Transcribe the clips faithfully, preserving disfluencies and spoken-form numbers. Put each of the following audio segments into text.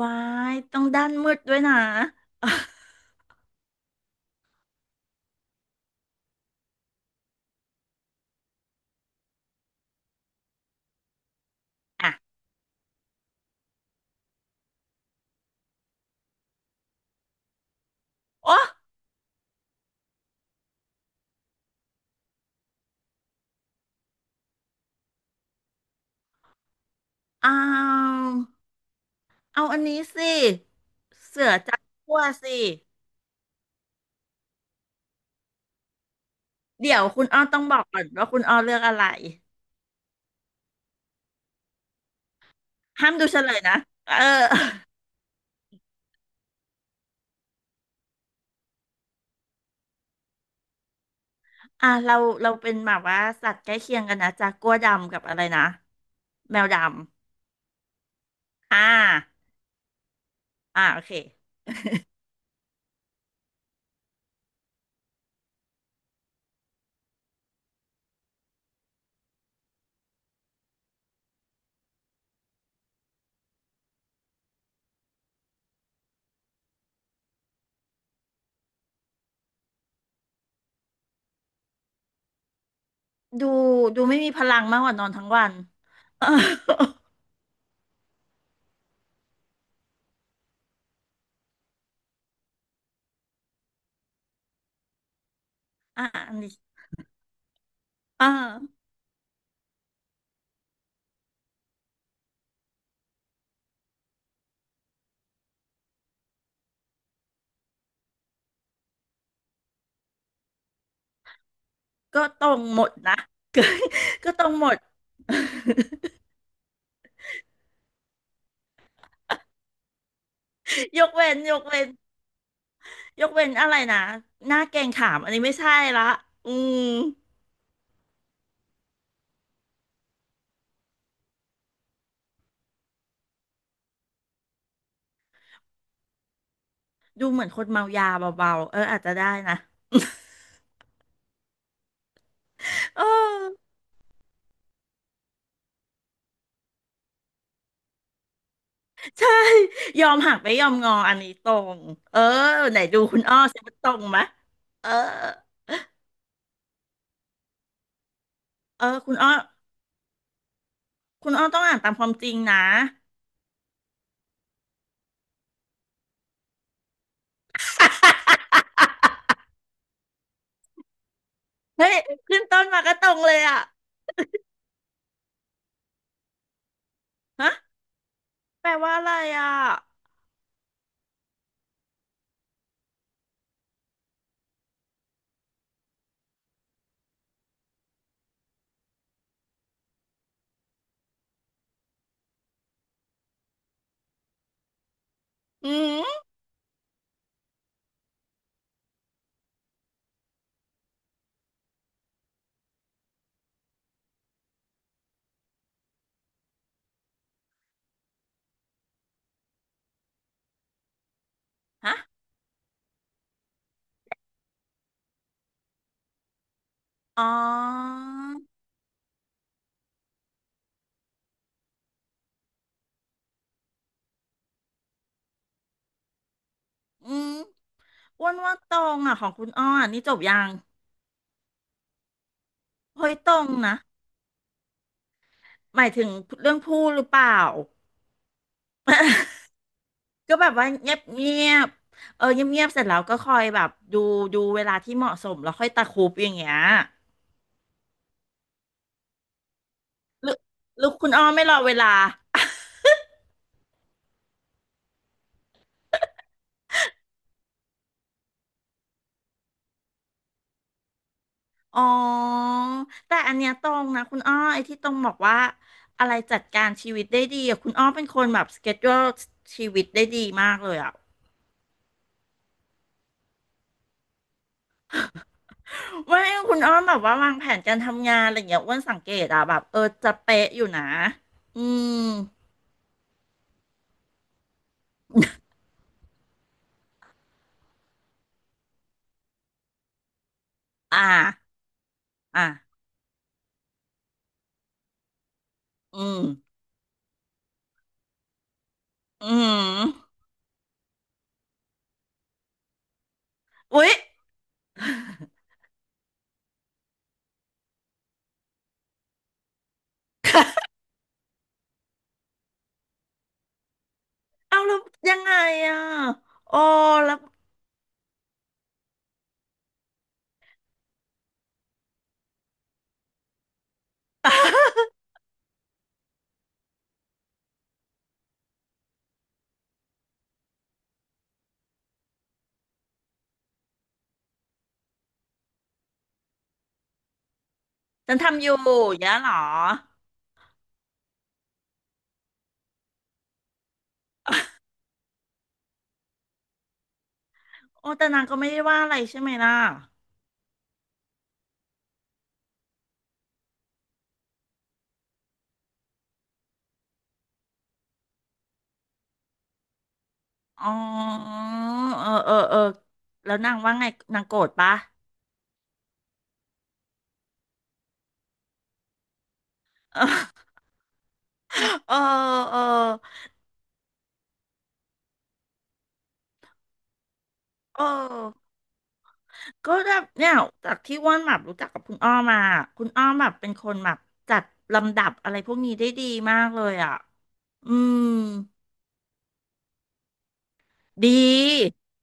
วายต้องด้านมืดด้วยนะ อ่ะโอ้เอาเอาอันนี้สิเสือจับขั้วสิเดี๋ยวคุณอ้อต้องบอกก่อนว่าคุณอ้อเลือกอะไร ห้ามดูเฉลยนะเออ อ่ะเราเราเป็นแบบว่าสัตว์ใกล้เคียงกันนะจากกัวดำกับอะไรนะ แมวดำอ่าอ่าโอเคดูดูไม่มีพลังมากกว่านอนทั้งวัน เอออ่าอันนี้อ่าก็ตรงหมดนะก็ตรงหมด ยกเว้นยกเว้นยกเว้นอะไรนะหน้าแกงขามอันนี้ไม่ใช่ละอืมดูเหมือนคนเมายาเบาๆเอออาจจะได้นะ เออใช่ยอมหักไม่ยอมงออันนี้ตรงเออไหนดูคุณอ้อสิว่าตรงไหมเออเออคุณอ้อคุณอ้อต้องอ่านตามความจริงนะ เฮ้ยขึ้นต้นมาก็ตรงเลยอ่ะฮะแปลว่าอะไรอ่ะอืมฮะอ๋ออืม อ้วนว่าตรงอ่ะของคุณอ้อนนี่จบยังเฮ้ยตรงนะหมายถึงเรื่องพูดหรือเปล่าก็แบบว่าเงียบเงียบเออเงียบเงียบเสร็จแล้วก็คอยแบบดูดูเวลาที่เหมาะสมแล้วค่อยตะครุบอย่างเงี้ยหรือหรือคุณอ้อไม่รอเวลาอ๋อแต่อันเนี้ยตรงนะคุณอ้อไอ้ที่ตรงบอกว่าอะไรจัดการชีวิตได้ดีอะคุณอ้อเป็นคนแบบสเกจ u l e ชีวิตได้ดีมากเลยอ่ะ ไม่คุณอ้อมแบบว่าวางแผนการทำงานอะไรอย่างเงี้ยอ้วนสังเกตอะแบบเออจะเป๊ะอยู่นะอืมอ่าอ่าอืมอืมอุ๊ย เอาแล้วยังไงอะโอ้แล้ว ฉันทำอยู่อย่างเงี้ยเหรอโอ้แต่นางก็ไม่ได้ว่าอะไรใช่ไหมล่ะอ๋อเออเออเออแล้วนางว่าไงนางโกรธปะ เออเออเออ ก็แบบเนี่ยจากที่อ้วนแบบรู้จักกับคุณอ้อมาคุณอ้อแบบเป็นคนแบบจัดลำดับอะไรพวกนี้ได้ดีมากเลยอ่ะอืมดี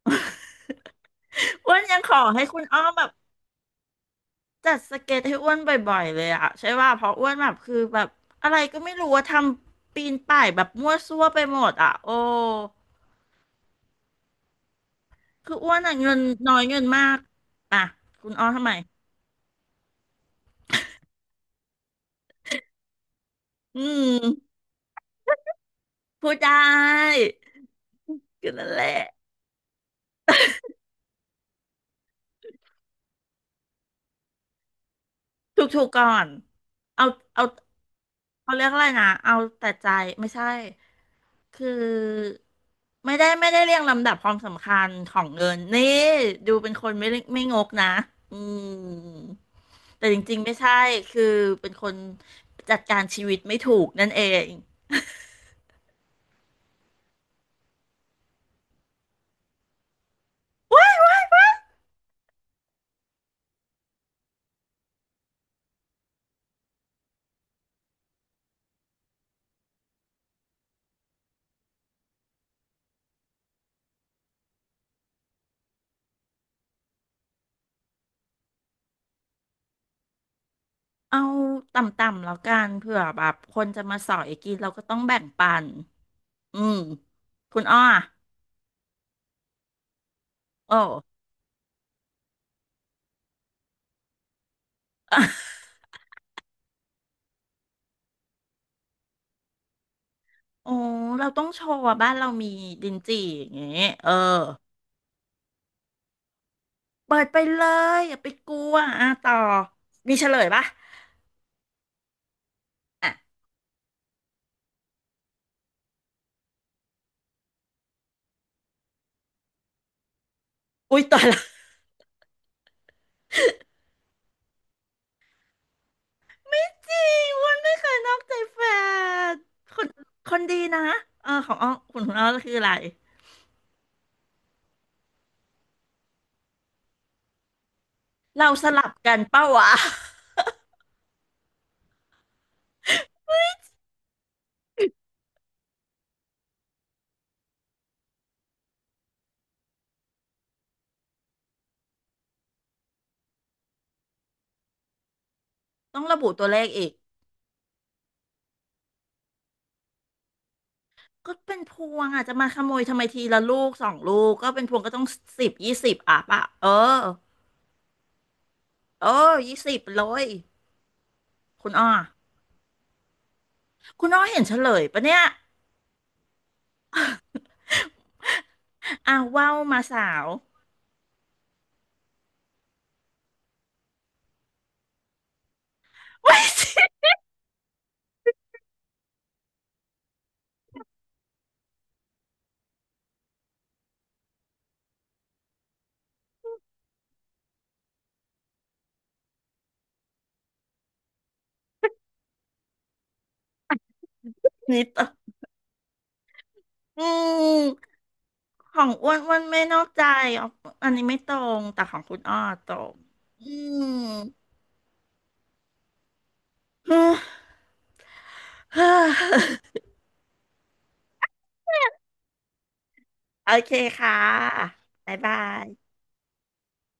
อ้วนยังขอให้คุณอ้อมแบบจัดสเก็ตให้อ้วนบ่อยๆเลยอะใช่ว่าเพราะอ้วนแบบคือแบบอะไรก็ไม่รู้ว่าทำปีนป่ายแบบมั่วซั่วไปหมดอะโอ้คืออ้วนอะเงินน้อยเงินมากอะคุณอ้อมทำไมอืมพูดได้ ก็นั่นแหละ ถูกถูกก่อนเอาเอาเขาเรียกอะไรนะเอาแต่ใจไม่ใช่ คือไม่ได้ไม่ได้เรียงลำดับความสำคัญของเงินนี่ดูเป็นคนไม่ไม่งกนะ อืม แต่จริงๆไม่ใช่คือเป็นคนจัดการชีวิตไม่ถูกนั่นเองเอาต่ำๆแล้วกันเผื่อแบบคนจะมาสอยกินเราก็ต้องแบ่งปันอืมคุณอ้ออะโอ้ โอ้เราต้องโชว์ว่าบ้านเรามีดินจี่อย่างเงี้ยเออ เปิดไปเลยอย่าไปกลัวอ่ะต่อ มีเฉลยปะอ่ะอุ้ยต่อละ จริงมันไม่เคยนอกใจแฟนคนคนดีนะ เออของอ้อคุณของอ้อคืออะไร เราสลับกันเป้าวะต้องระบุตัวเลขอีก ก็เป็นพวงอ่ะจะมาขโมยทำไมทีละลูกสองลูก ก็เป็นพวงก็ต้องสิบยี่สิบอ่ะปะเออเออยี่สิบเลยคุณอ้อคุณอ้อเห็นเฉลยปะเนี่ย อ่ะว่าวมาสาว ไม่สินิดอะอืมของอ้วนอ้วนไม่นอกใจอ๋ออันนี้ไม่ตรง แต่ของคุณอ้อตรงอืม โอเคค่ะบ๊ายบาย